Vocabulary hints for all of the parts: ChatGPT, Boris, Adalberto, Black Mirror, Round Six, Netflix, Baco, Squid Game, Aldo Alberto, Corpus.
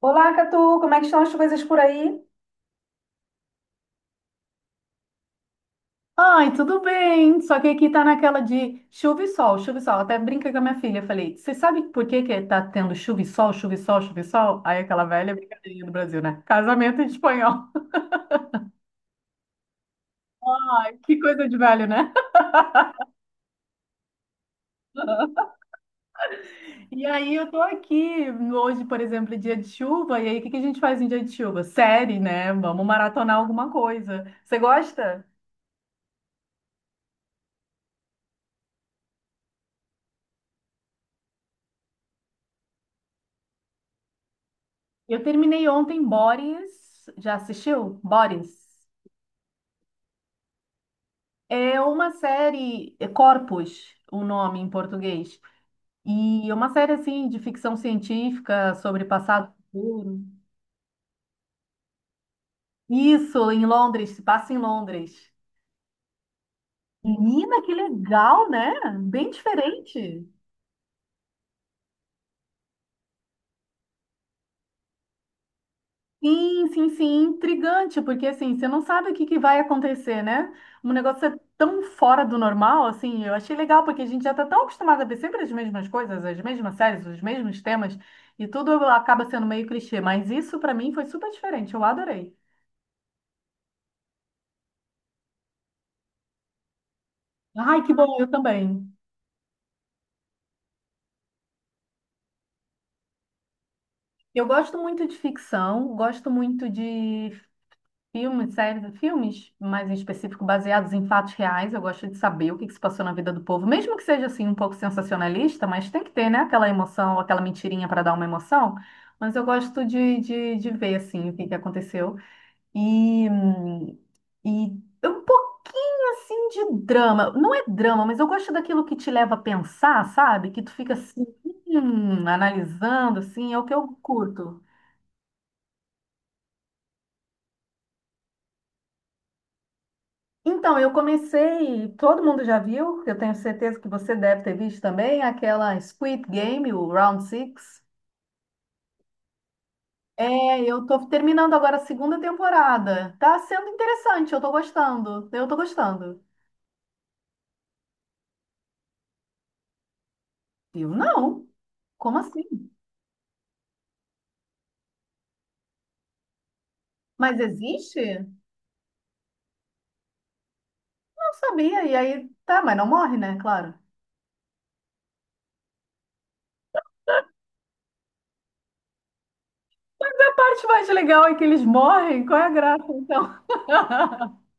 Olá, Catu, como é que estão as coisas por aí? Ai, tudo bem, só que aqui tá naquela de chuva e sol, chuva e sol. Até brinca com a minha filha, falei, você sabe por que que tá tendo chuva e sol, chuva e sol, chuva e sol? Aí aquela velha brincadeirinha do Brasil, né? Casamento em espanhol. Que coisa de velho, né? E aí eu tô aqui, hoje, por exemplo, é dia de chuva, e aí o que que a gente faz em dia de chuva? Série, né? Vamos maratonar alguma coisa. Você gosta? Eu terminei ontem Boris, já assistiu? Boris? É uma série, é Corpus, o nome em português. E é uma série assim de ficção científica sobre passado e futuro. Isso, em Londres, se passa em Londres. Menina, que legal, né? Bem diferente. Sim, sim, sim, intrigante, porque assim, você não sabe o que que vai acontecer, né? Um negócio é tão fora do normal, assim, eu achei legal, porque a gente já tá tão acostumado a ver sempre as mesmas coisas, as mesmas séries, os mesmos temas, e tudo acaba sendo meio clichê, mas isso pra mim foi super diferente, eu adorei. Ai, que bom, eu também. Eu gosto muito de ficção, gosto muito de filmes, séries, filmes mais em específico baseados em fatos reais. Eu gosto de saber o que que se passou na vida do povo, mesmo que seja assim um pouco sensacionalista, mas tem que ter, né, aquela emoção, aquela mentirinha para dar uma emoção. Mas eu gosto de ver assim o que que aconteceu e hum, e um pouquinho assim de drama. Não é drama, mas eu gosto daquilo que te leva a pensar, sabe? Que tu fica assim analisando, assim, é o que eu curto. Então, eu comecei, todo mundo já viu, eu tenho certeza que você deve ter visto também, aquela Squid Game, o Round Six. É, eu tô terminando agora a segunda temporada. Tá sendo interessante, eu tô gostando. Eu tô gostando. Eu não. Como assim? Mas existe? Não sabia. E aí, tá, mas não morre, né? Claro. A parte mais legal é que eles morrem. Qual é a graça, então?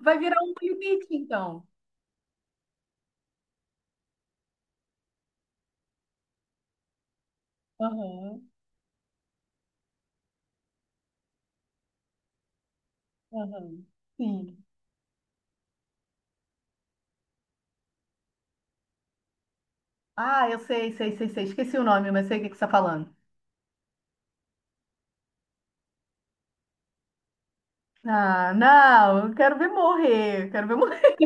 Vai virar um limite, então. Aham, aham. Sim. Ah, eu sei, sei, sei, sei. Esqueci o nome, mas sei o que que você está falando. Ah, não, eu quero ver morrer. Eu Quero ver morrer.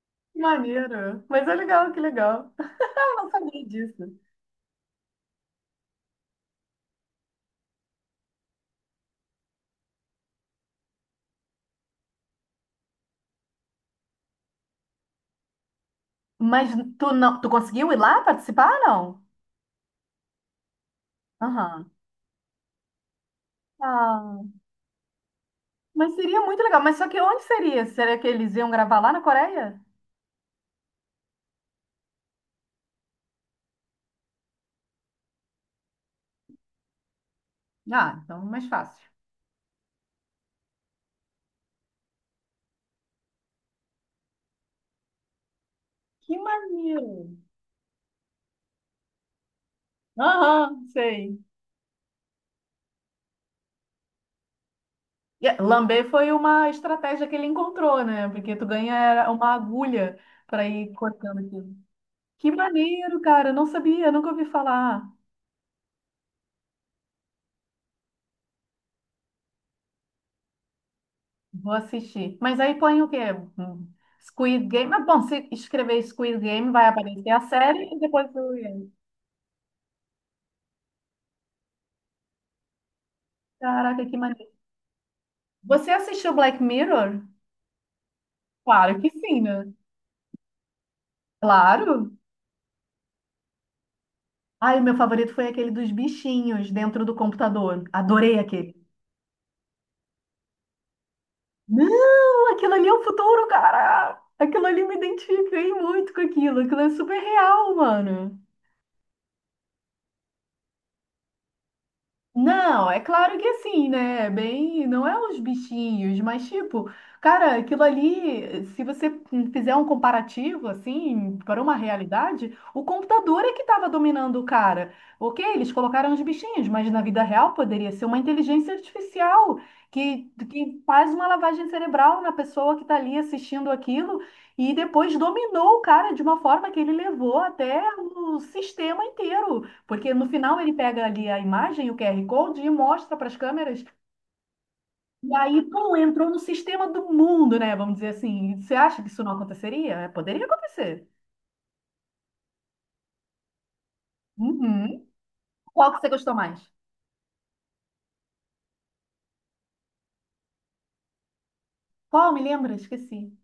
Que maneiro. Mas é legal, que legal. Eu não sabia disso. Mas tu não, tu conseguiu ir lá participar, não? Aham. Ah, mas seria muito legal. Mas só que onde seria? Será que eles iam gravar lá na Coreia? Ah, então mais fácil. Que maneiro. Aham, sei. E, é, lamber foi uma estratégia que ele encontrou, né? Porque tu ganha uma agulha para ir cortando aqui. Que maneiro, cara. Não sabia, nunca ouvi falar. Vou assistir. Mas aí põe o quê? Hum, Squid Game. Mas bom, se escrever Squid Game, vai aparecer a série e depois o game. Caraca, que maneiro. Você assistiu Black Mirror? Claro que sim, né? Claro. Ai, o meu favorito foi aquele dos bichinhos dentro do computador. Adorei aquele. Não, aquilo ali é o futuro, cara. Aquilo ali me identifiquei muito com aquilo. Aquilo é super real, mano. Não, é claro que assim, né? Bem, não é os bichinhos, mas tipo, cara, aquilo ali, se você fizer um comparativo assim para uma realidade, o computador é que estava dominando o cara. Ok, eles colocaram os bichinhos, mas na vida real poderia ser uma inteligência artificial que, que faz uma lavagem cerebral na pessoa que está ali assistindo aquilo e depois dominou o cara de uma forma que ele levou até o sistema inteiro. Porque no final ele pega ali a imagem, o QR Code, e mostra para as câmeras. E aí, pum, entrou no sistema do mundo, né? Vamos dizer assim. Você acha que isso não aconteceria? É, poderia acontecer. Uhum. Qual que você gostou mais? Qual? Me lembra? Esqueci.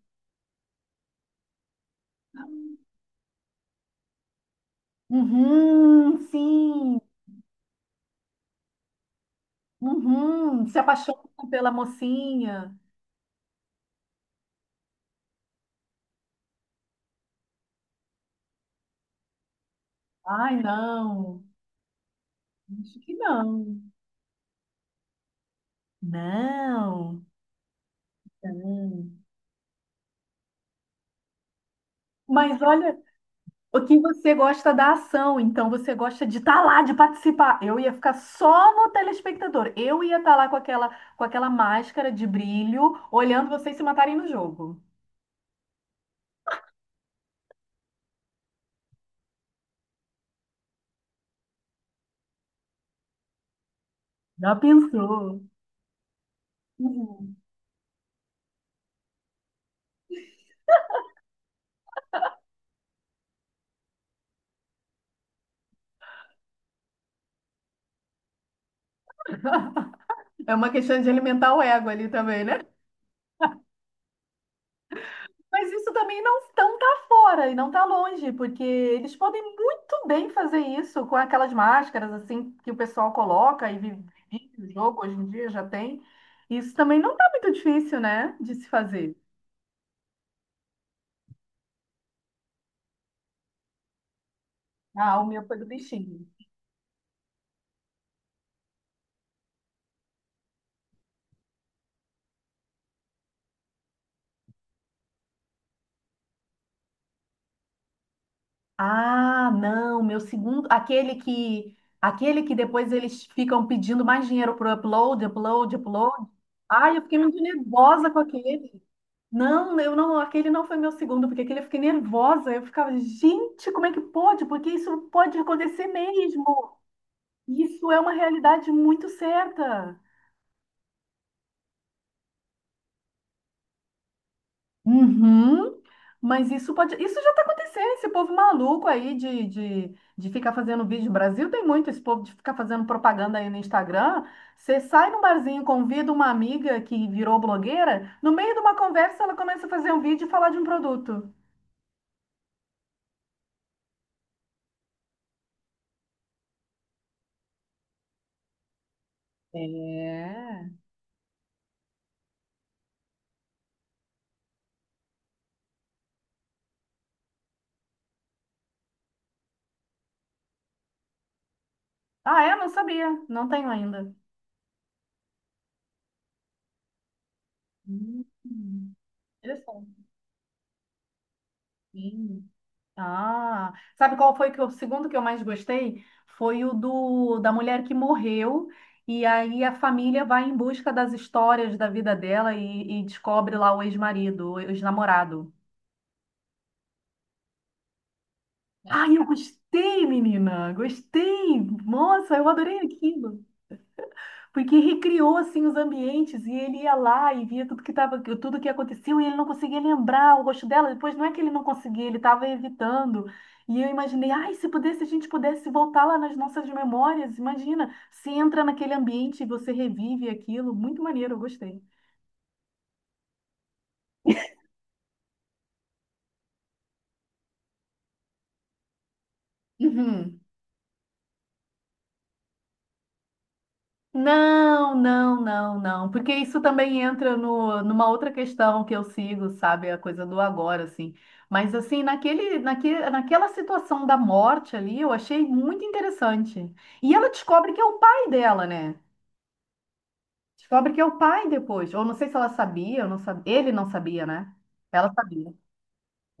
Uhum, sim. Uhum. Se apaixona pela mocinha. Ai, não. Acho que não. Não. Não. Mas olha, o que você gosta da ação, então você gosta de estar lá, de participar. Eu ia ficar só no telespectador. Eu ia estar lá com aquela máscara de brilho, olhando vocês se matarem no jogo. Já pensou? Uhum. É uma questão de alimentar o ego ali também, né? Mas isso também não, não tá fora e não tá longe, porque eles podem muito bem fazer isso com aquelas máscaras assim que o pessoal coloca e vive vive o jogo hoje em dia já tem. Isso também não tá muito difícil, né, de se fazer. Ah, o meu foi do bichinho. Ah, não, meu segundo, aquele que depois eles ficam pedindo mais dinheiro pro upload, upload, upload. Ai, eu fiquei muito nervosa com aquele. Não, eu não, aquele não foi meu segundo, porque aquele eu fiquei nervosa. Eu ficava, gente, como é que pode? Porque isso pode acontecer mesmo. Isso é uma realidade muito certa. Uhum. Mas isso pode, isso já está acontecendo, esse povo maluco aí de ficar fazendo vídeo. O Brasil tem muito esse povo de ficar fazendo propaganda aí no Instagram. Você sai num barzinho, convida uma amiga que virou blogueira, no meio de uma conversa ela começa a fazer um vídeo e falar de um produto. É. Ah, é? Não sabia. Não tenho ainda. Hum, Interessante. Ah, sabe qual foi que o segundo que eu mais gostei? Foi o do da mulher que morreu e aí a família vai em busca das histórias da vida dela e descobre lá o ex-marido, o ex-namorado. Ai, eu gostei, menina, gostei. Nossa, eu adorei aquilo. Porque recriou assim os ambientes e ele ia lá e via tudo que tava, tudo que aconteceu e ele não conseguia lembrar o rosto dela. Depois não é que ele não conseguia, ele estava evitando. E eu imaginei, ai, se pudesse, a gente pudesse voltar lá nas nossas memórias, imagina, se entra naquele ambiente e você revive aquilo, muito maneiro, eu gostei. Uhum. Não, não, não, não, porque isso também entra no, numa outra questão que eu sigo, sabe, a coisa do agora, assim. Mas assim, naquela situação da morte ali, eu achei muito interessante. E ela descobre que é o pai dela, né? Descobre que é o pai depois. Ou não sei se ela sabia, ou não sabia. Ele não sabia, né? Ela sabia.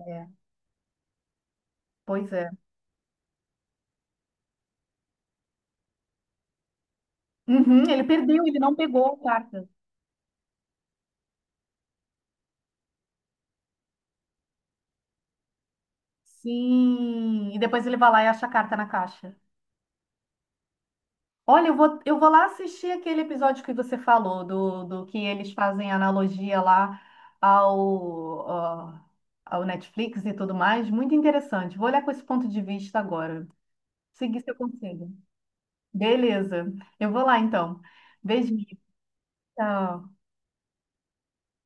É, pois é. Uhum, ele perdeu, ele não pegou a carta. Sim. E depois ele vai lá e acha a carta na caixa. Olha, eu vou lá assistir aquele episódio que você falou, do que eles fazem analogia lá ao, ah, ao Netflix e tudo mais. Muito interessante. Vou olhar com esse ponto de vista agora. Seguir seu conselho. Beleza. Eu vou lá então. Beijinho. Tchau.